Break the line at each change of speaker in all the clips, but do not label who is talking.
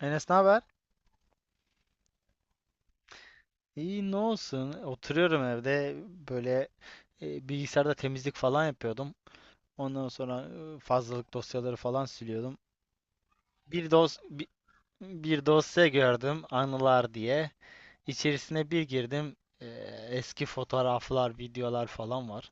Enes ne haber? İyi ne olsun? Oturuyorum evde böyle. Bilgisayarda temizlik falan yapıyordum. Ondan sonra fazlalık dosyaları falan siliyordum. Bir dos bi- Bir dosya gördüm anılar diye. İçerisine bir girdim. e, Eski fotoğraflar, videolar falan var.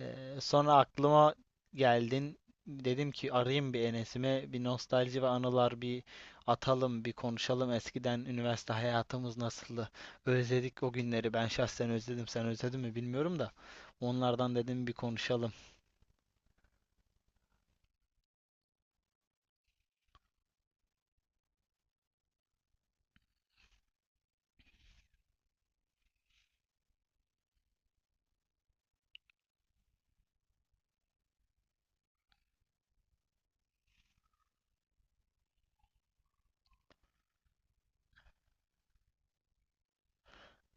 Sonra aklıma geldin. Dedim ki arayayım bir Enes'ime. Bir nostalji ve anılar bir atalım, bir konuşalım. Eskiden üniversite hayatımız nasıldı? Özledik o günleri. Ben şahsen özledim. Sen özledin mi bilmiyorum da. Onlardan dedim bir konuşalım.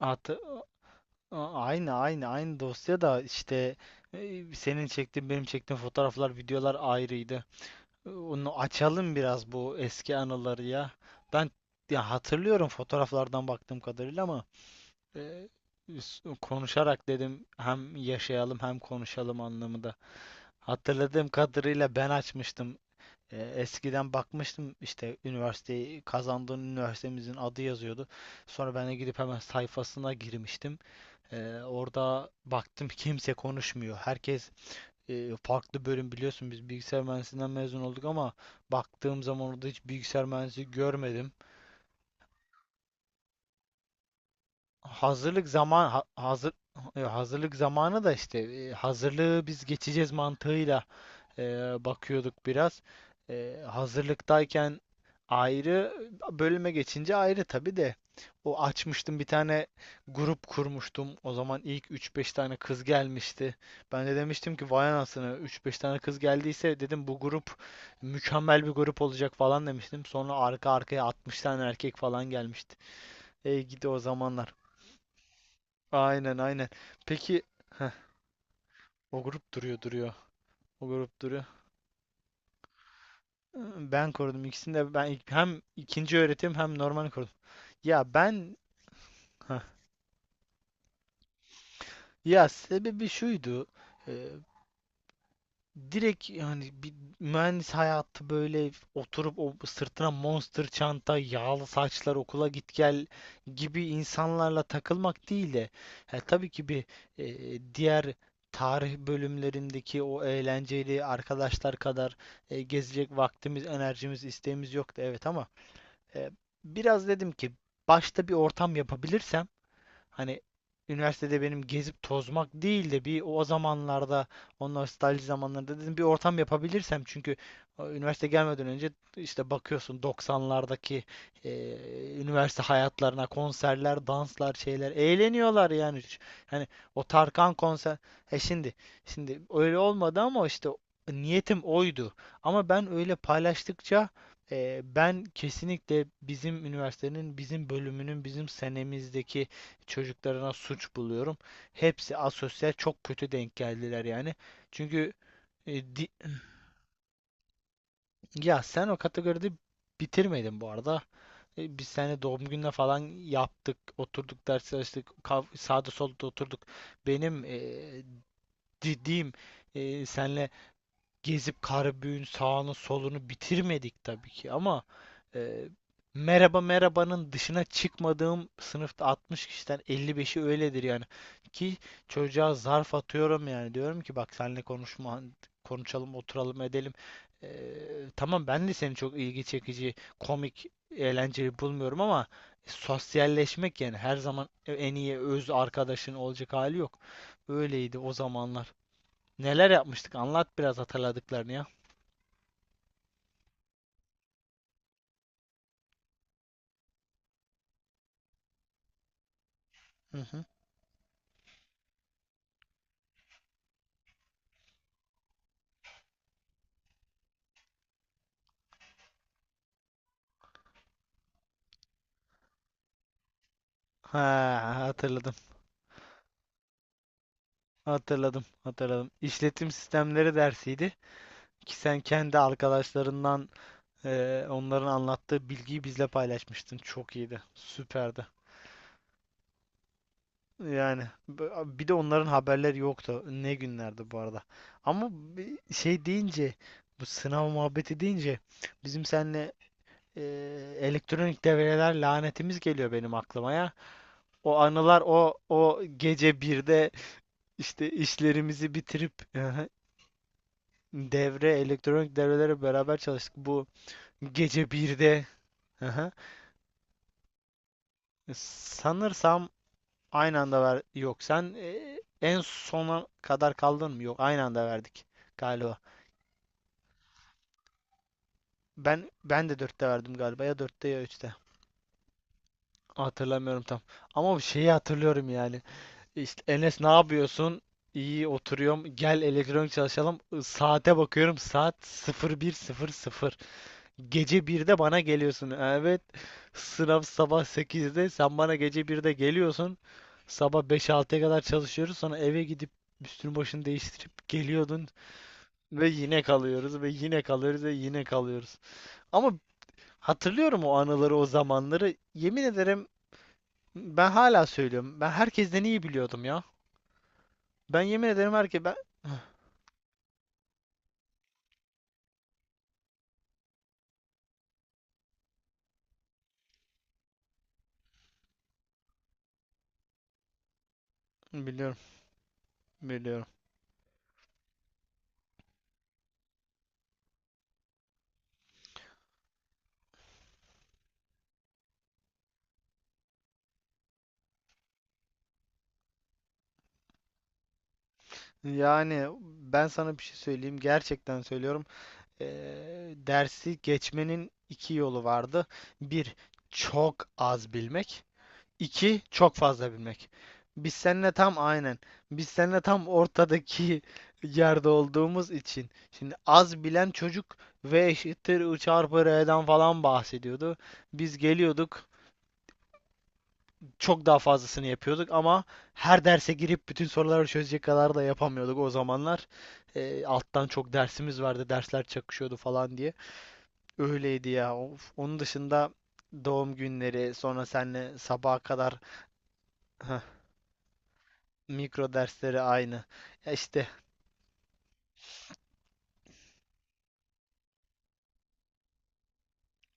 Atı A- aynı aynı aynı dosya da işte, senin çektiğin benim çektiğim fotoğraflar, videolar ayrıydı. Onu açalım biraz bu eski anıları ya. Ben ya hatırlıyorum fotoğraflardan baktığım kadarıyla ama e, konuşarak dedim hem yaşayalım hem konuşalım anlamında. Hatırladığım kadarıyla ben açmıştım. Eskiden bakmıştım işte üniversiteyi kazandığın üniversitemizin adı yazıyordu. Sonra ben de gidip hemen sayfasına girmiştim. Orada baktım kimse konuşmuyor. Herkes farklı bölüm, biliyorsun biz bilgisayar mühendisliğinden mezun olduk ama baktığım zaman orada hiç bilgisayar mühendisi görmedim. Hazırlık zaman ha- hazır hazırlık zamanı da işte, hazırlığı biz geçeceğiz mantığıyla e, bakıyorduk biraz. Hazırlıktayken ayrı, bölüme geçince ayrı tabii de o açmıştım bir tane grup kurmuştum. O zaman ilk üç beş tane kız gelmişti. Ben de demiştim ki vay anasını, üç beş tane kız geldiyse dedim bu grup mükemmel bir grup olacak falan demiştim. Sonra arka arkaya 60 tane erkek falan gelmişti. Ey gidi o zamanlar. Aynen aynen. Peki heh, o grup duruyor. O grup duruyor. Ben korudum ikisini de, hem ikinci öğretim hem normal korudum. Ya ben, heh, ya sebebi şuydu. Ee, Direkt yani bir mühendis hayatı böyle oturup o sırtına monster çanta, yağlı saçlar, okula git gel gibi insanlarla takılmak değil de, ha, tabii ki bir diğer tarih bölümlerindeki o eğlenceli arkadaşlar kadar gezecek vaktimiz, enerjimiz, isteğimiz yoktu, evet, ama e, biraz dedim ki başta bir ortam yapabilirsem. Hani üniversitede benim gezip tozmak değil de bir o zamanlarda, o nostalji zamanlarında dedim bir ortam yapabilirsem, çünkü üniversite gelmeden önce işte bakıyorsun 90'lardaki e, üniversite hayatlarına konserler, danslar, şeyler, eğleniyorlar yani. Ş- Hani o Tarkan konser e şimdi Şimdi öyle olmadı ama işte niyetim oydu. Ama ben öyle paylaştıkça, ben kesinlikle bizim üniversitenin, bizim bölümünün, bizim senemizdeki çocuklarına suç buluyorum. Hepsi asosyal, çok kötü denk geldiler yani. Çünkü e, di- ya sen o kategoride bitirmedin bu arada. Biz seninle doğum gününe falan yaptık, oturduk, ders çalıştık, sağda solda oturduk. Benim dediğim, senle gezip Karabük'ün sağını solunu bitirmedik tabii ki ama e, merhaba merhabanın dışına çıkmadığım sınıfta 60 kişiden 55'i öyledir yani. Ki çocuğa zarf atıyorum yani, diyorum ki bak seninle konuşma, konuşalım, oturalım, edelim. Tamam ben de seni çok ilgi çekici, komik, eğlenceli bulmuyorum ama sosyalleşmek yani, her zaman en iyi öz arkadaşın olacak hali yok. Öyleydi o zamanlar. Neler yapmıştık? Anlat biraz hatırladıklarını ya. Hı hı. Ha, hatırladım. Hatırladım. Hatırladım. İşletim sistemleri dersiydi ki sen kendi arkadaşlarından, onların anlattığı bilgiyi bizle paylaşmıştın. Çok iyiydi. Süperdi. Yani bir de onların haberleri yoktu. Ne günlerdi bu arada. Ama bi- şey deyince Bu sınav muhabbeti deyince bizim seninle elektronik devreler lanetimiz geliyor benim aklıma ya. O anılar, o gece birde işte işlerimizi bitirip, aha, devre, elektronik devrelere beraber çalıştık. Bu gece birde, aha, sanırsam aynı anda ver. Yok, sen en sona kadar kaldın mı? Yok, aynı anda verdik galiba. Ben, ben de dörtte verdim galiba, ya dörtte ya üçte. Hatırlamıyorum tam. Ama bir şeyi hatırlıyorum yani. İşte, Enes ne yapıyorsun? İyi, oturuyorum. Gel elektronik çalışalım. Saate bakıyorum. Saat 01:00. Gece birde bana geliyorsun. Evet. Sınav sabah sekizde, sen bana gece birde geliyorsun. Sabah beş 6'ya kadar çalışıyoruz. Sonra eve gidip üstünü başını değiştirip geliyordun. Ve yine kalıyoruz. Ve yine kalıyoruz. Ve yine kalıyoruz. Ama hatırlıyorum o anıları, o zamanları. Yemin ederim, ben hala söylüyorum. Ben herkesten iyi biliyordum ya. Ben yemin ederim herke ben Biliyorum, biliyorum. Yani ben sana bir şey söyleyeyim. Gerçekten söylüyorum. Dersi geçmenin iki yolu vardı. Bir, çok az bilmek. İki, çok fazla bilmek. Biz seninle tam aynen. Biz seninle tam ortadaki yerde olduğumuz için. Şimdi az bilen çocuk V eşittir I çarpı R'den falan bahsediyordu. Biz geliyorduk, çok daha fazlasını yapıyorduk ama her derse girip bütün soruları çözecek kadar da yapamıyorduk o zamanlar. Alttan çok dersimiz vardı, dersler çakışıyordu falan diye. Öyleydi ya. Of. Onun dışında doğum günleri, sonra seninle sabaha kadar, heh, mikro dersleri aynı. Ya işte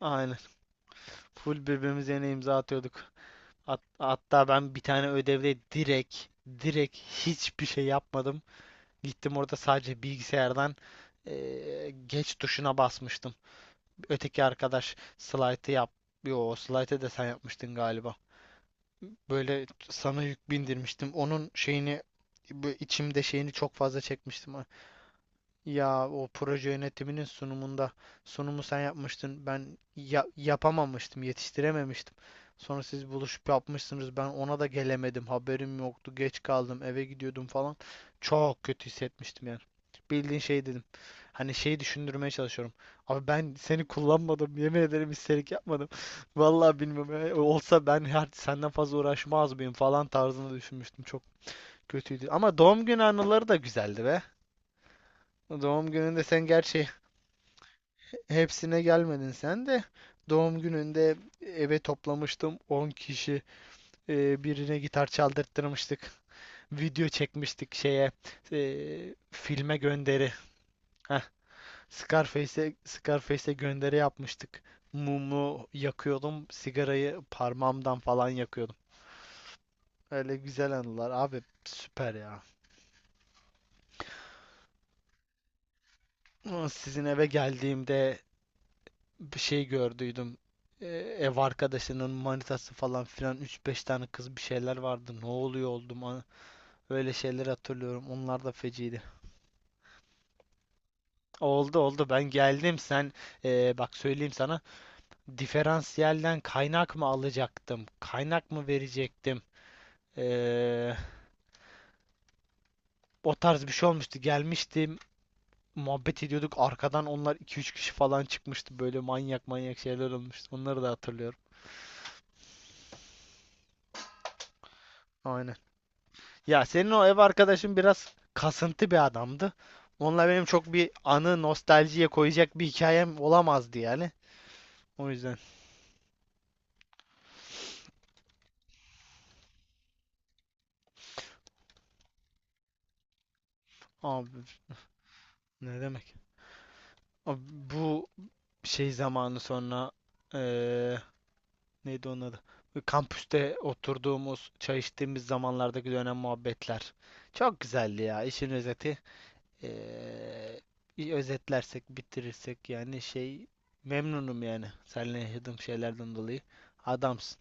aynı. Full birbirimize yine imza atıyorduk. Hatta ben bir tane ödevde direkt hiçbir şey yapmadım. Gittim orada sadece bilgisayardan, geç tuşuna basmıştım. Öteki arkadaş slaytı yap. Yo, slaytı da sen yapmıştın galiba. Böyle sana yük bindirmiştim. Onun şeyini içimde şeyini çok fazla çekmiştim. Ya o proje yönetiminin sunumunda sunumu sen yapmıştın. Ben yapamamıştım, yetiştirememiştim. Sonra siz buluşup yapmışsınız. Ben ona da gelemedim. Haberim yoktu. Geç kaldım. Eve gidiyordum falan. Çok kötü hissetmiştim yani. Bildiğin şey dedim. Hani şeyi düşündürmeye çalışıyorum. Abi, ben seni kullanmadım. Yemin ederim, isterik yapmadım. Vallahi bilmiyorum ya. Olsa ben her senden fazla uğraşmaz mıyım falan tarzında düşünmüştüm. Çok kötüydü. Ama doğum günü anıları da güzeldi be. Doğum gününde sen gerçi Hepsine gelmedin sen de. Doğum gününde eve toplamıştım 10 kişi. Birine gitar çaldırttırmıştık. Video çekmiştik şeye, filme gönderi. Heh, Scarface'e gönderi yapmıştık. Mumu yakıyordum. Sigarayı parmağımdan falan yakıyordum. Öyle güzel anılar abi, süper ya. Sizin eve geldiğimde bir şey gördüydüm. E, Ev arkadaşının manitası falan filan, üç beş tane kız, bir şeyler vardı. Ne oluyor oldum? Ha? Öyle şeyler hatırlıyorum. Onlar da feciydi. Oldu, oldu, ben geldim, sen, bak söyleyeyim sana, diferansiyelden kaynak mı alacaktım? Kaynak mı verecektim? E, O tarz bir şey olmuştu. Gelmiştim, muhabbet ediyorduk. Arkadan onlar iki üç kişi falan çıkmıştı. Böyle manyak manyak şeyler olmuştu. Onları da hatırlıyorum. Aynen. Ya senin o ev arkadaşın biraz kasıntı bir adamdı. Onunla benim çok bir anı nostaljiye koyacak bir hikayem olamazdı yani. O yüzden, abi, ne demek? Abi, bu şey zamanı sonra eee, neydi onun adı? Kampüste oturduğumuz, çay içtiğimiz zamanlardaki dönem muhabbetler. Çok güzeldi ya. İşin özeti, eee, bir özetlersek, bitirirsek, yani şey, memnunum yani. Seninle yaşadığım şeylerden dolayı. Adamsın.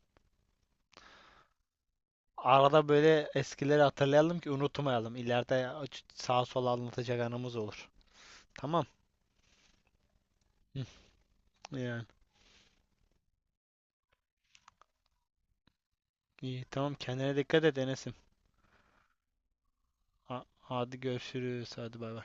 Arada böyle eskileri hatırlayalım ki unutmayalım. İleride sağa sola anlatacak anımız olur. Tamam. Hı, yani. İyi, tamam, kendine dikkat et Enes'im. Hadi görüşürüz. Hadi bay bay.